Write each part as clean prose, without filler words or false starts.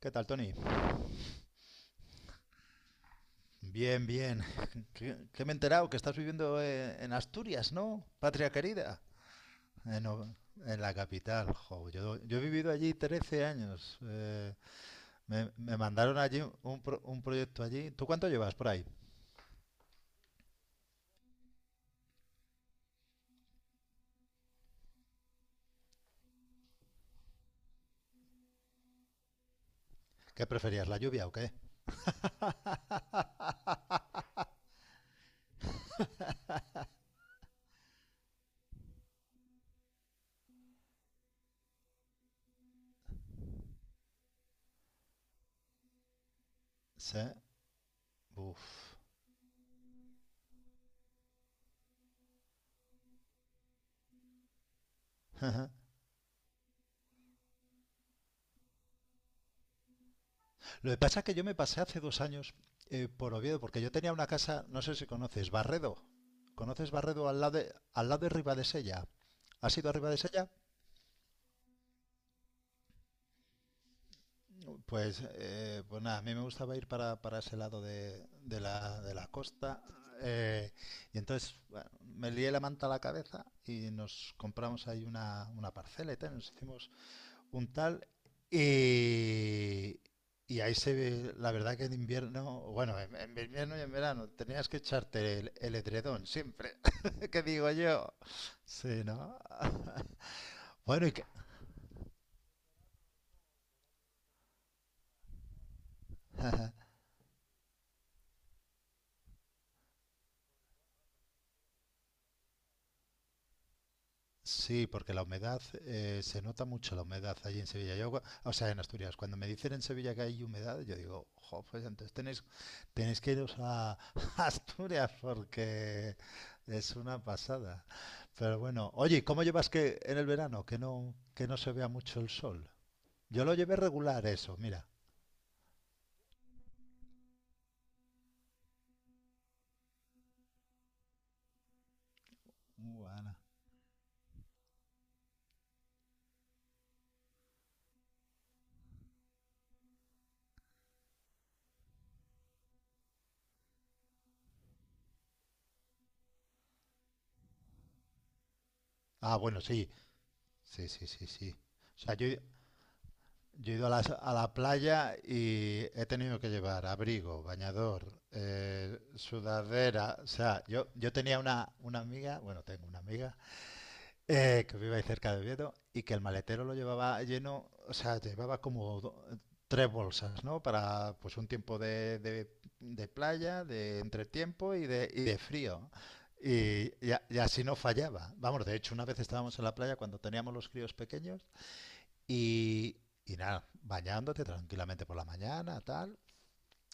¿Qué tal, Tony? Bien, bien. ¿Qué que me he enterado que estás viviendo en Asturias, ¿no? Patria querida. No, en la capital. Jo, yo he vivido allí 13 años. Me mandaron allí un proyecto allí. ¿Tú cuánto llevas por ahí? ¿Qué preferías, la lluvia o qué? Sí. Uf. Lo que pasa es que yo me pasé hace 2 años por Oviedo, porque yo tenía una casa, no sé si conoces, Barredo. ¿Conoces Barredo al lado de Ribadesella? ¿Has ido a Ribadesella? Pues, nada, a mí me gustaba ir para ese lado de la costa. eh, y entonces, bueno, me lié la manta a la cabeza y nos compramos ahí una parcela y tal, nos hicimos un tal. Y, y ahí se ve, la verdad que en invierno, bueno, en invierno y en verano tenías que echarte el edredón siempre, que digo yo. Sí, ¿no? Bueno, y que... Sí, porque la humedad, se nota mucho la humedad allí en Sevilla. O sea, en Asturias, cuando me dicen en Sevilla que hay humedad, yo digo, jo, pues entonces tenéis, que iros a Asturias porque es una pasada. Pero bueno, oye, ¿cómo llevas que en el verano que no se vea mucho el sol? Yo lo llevé regular eso, mira. Uh, Ah, bueno, sí, sí, sí, sí, sí. O sea, yo he ido a la playa y he tenido que llevar abrigo, bañador, sudadera. O sea, yo tenía una amiga, bueno, tengo una amiga, que vive ahí cerca de Oviedo y que el maletero lo llevaba lleno, o sea, llevaba como tres bolsas, ¿no? Para pues un tiempo de playa, de entretiempo y de frío. Y así no fallaba. Vamos, de hecho, una vez estábamos en la playa cuando teníamos los críos pequeños. Y, y nada, bañándote tranquilamente por la mañana, tal.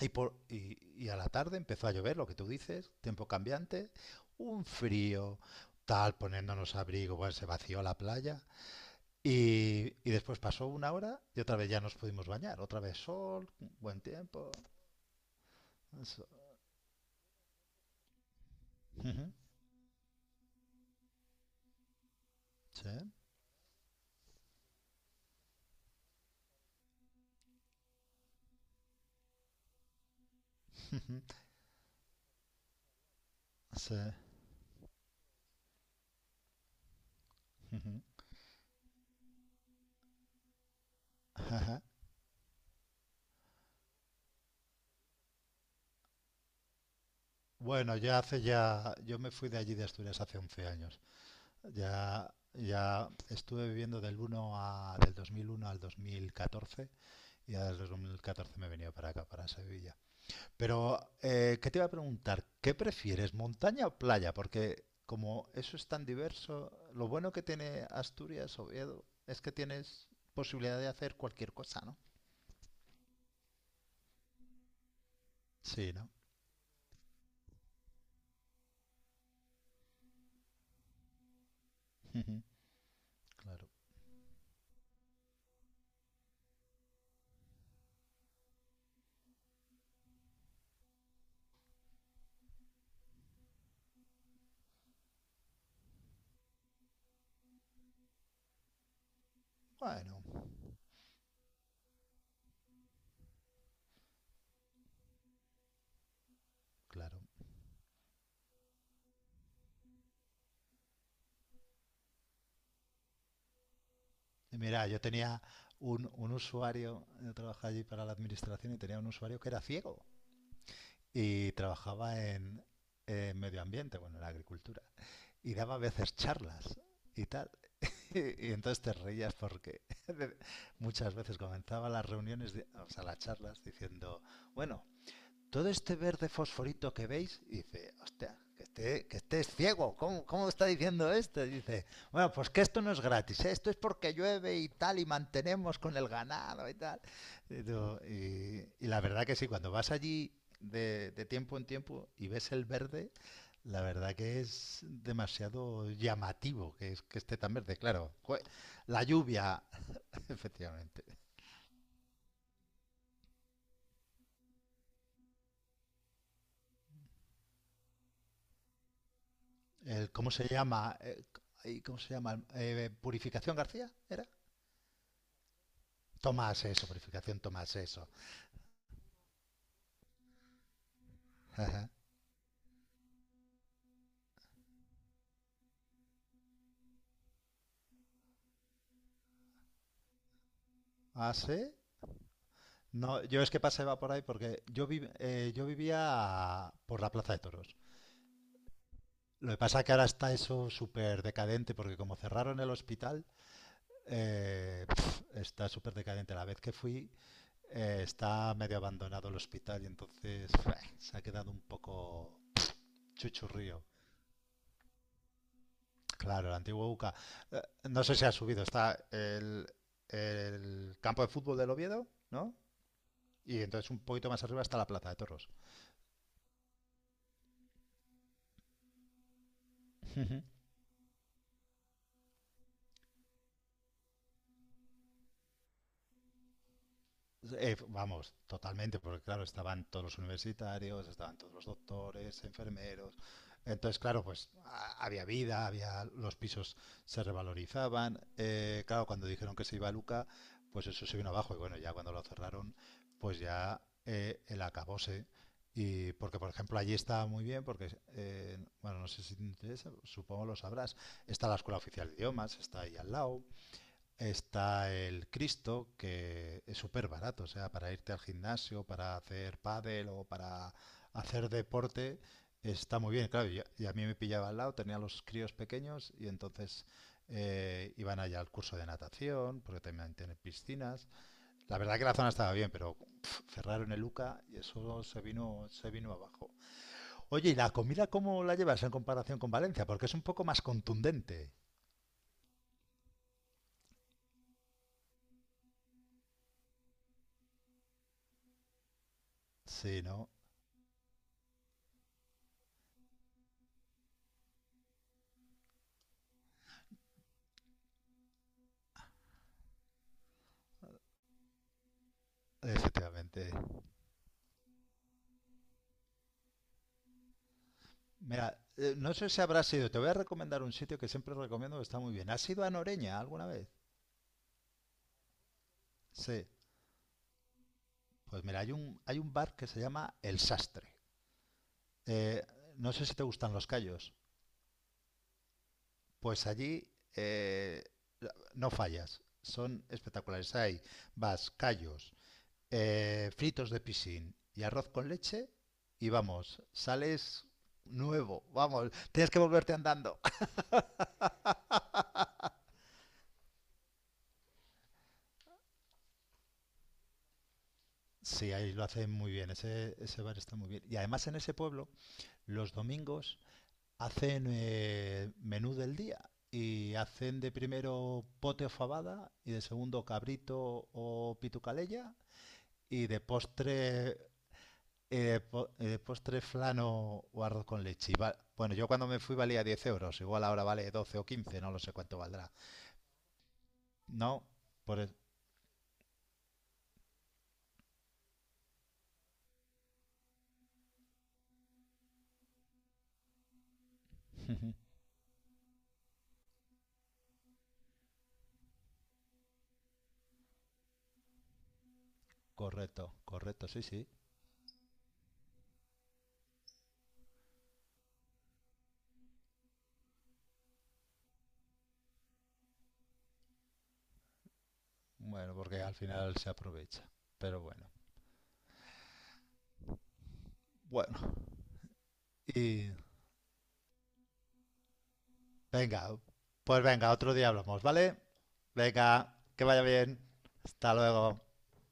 Y, por, y, y a la tarde empezó a llover, lo que tú dices, tiempo cambiante, un frío, tal, poniéndonos abrigo, bueno, se vació la playa. Y después pasó una hora y otra vez ya nos pudimos bañar. Otra vez sol, buen tiempo. Eso. Ujú. Sí, ujú, sí, ujú. Bueno, yo me fui de allí de Asturias hace 11 años. Ya estuve viviendo del 2001 al 2014, y ya desde el 2014 me he venido para acá, para Sevilla. Pero, ¿qué te iba a preguntar? ¿Qué prefieres, montaña o playa? Porque como eso es tan diverso, lo bueno que tiene Asturias, Oviedo, es que tienes posibilidad de hacer cualquier cosa, ¿no? Sí, ¿no? Ujú. Claro. Bueno, claro. Y mira, yo tenía un usuario. Yo trabajaba allí para la administración y tenía un usuario que era ciego, y trabajaba en medio ambiente, bueno, en la agricultura, y daba a veces charlas y tal. Y entonces te reías porque muchas veces comenzaba las reuniones, o sea, las charlas, diciendo, bueno, todo este verde fosforito que veis, dice, hostia, que estés ciego, ¿cómo está diciendo esto? Dice, bueno, pues que esto no es gratis, ¿eh? Esto es porque llueve y tal, y mantenemos con el ganado y tal. Y, y la verdad que sí, cuando vas allí de tiempo en tiempo y ves el verde, la verdad que es demasiado llamativo que esté tan verde, claro. La lluvia, efectivamente. ¿Cómo se llama? Ay, ¿cómo se llama? ¿Purificación García? ¿Era? Tomás, eso. Purificación Tomás, eso. Ajá. ¿Ah, sí? No, yo es que pasaba por ahí porque yo vivía por la Plaza de Toros. Lo que pasa es que ahora está eso súper decadente porque como cerraron el hospital, está súper decadente. La vez que fui, está medio abandonado el hospital, y entonces se ha quedado un poco chuchurrío. Claro, la antigua UCA. Eh, No sé si ha subido, está el campo de fútbol del Oviedo, ¿no? Y entonces un poquito más arriba está la Plaza de Toros. Vamos, totalmente, porque claro, estaban todos los universitarios, estaban todos los doctores, enfermeros. Entonces, claro, pues había vida, había los pisos, se revalorizaban. Claro, cuando dijeron que se iba a Luca, pues eso se vino abajo. Y bueno, ya cuando lo cerraron, pues ya el acabose. Y porque, por ejemplo, allí está muy bien, porque, bueno, no sé si te interesa, supongo lo sabrás, está la Escuela Oficial de Idiomas, está ahí al lado. Está el Cristo, que es súper barato, o sea, para irte al gimnasio, para hacer pádel o para hacer deporte, está muy bien. Claro, y a mí me pillaba al lado, tenía los críos pequeños y entonces, iban allá al curso de natación, porque también tienen piscinas. La verdad que la zona estaba bien, pero cerraron el UCA y eso se vino abajo. Oye, ¿y la comida cómo la llevas en comparación con Valencia? Porque es un poco más contundente. Sí, ¿no? Efectivamente. Mira, no sé si habrás ido. Te voy a recomendar un sitio que siempre recomiendo que está muy bien. ¿Has ido a Noreña alguna vez? Sí. Pues mira, hay un bar que se llama El Sastre. Eh, no sé si te gustan los callos. Pues allí, eh, no fallas. Son espectaculares. Hay vas, callos, fritos de piscín y arroz con leche. Y vamos, sales nuevo. Vamos, tienes que volverte andando. Sí, ahí lo hacen muy bien. Ese bar está muy bien. Y además en ese pueblo los domingos hacen, menú del día, y hacen de primero pote o fabada, y de segundo cabrito o pitucalella, y de postre, postre flan o arroz con leche. Bueno, yo cuando me fui valía 10 euros, igual ahora vale 12 o 15, no lo sé cuánto valdrá. No, por el- correcto, correcto, sí, sí. Bueno, porque al final se aprovecha. Pero bueno. Bueno, y Venga, pues venga, otro día hablamos, ¿vale? Venga, que vaya bien. Hasta luego.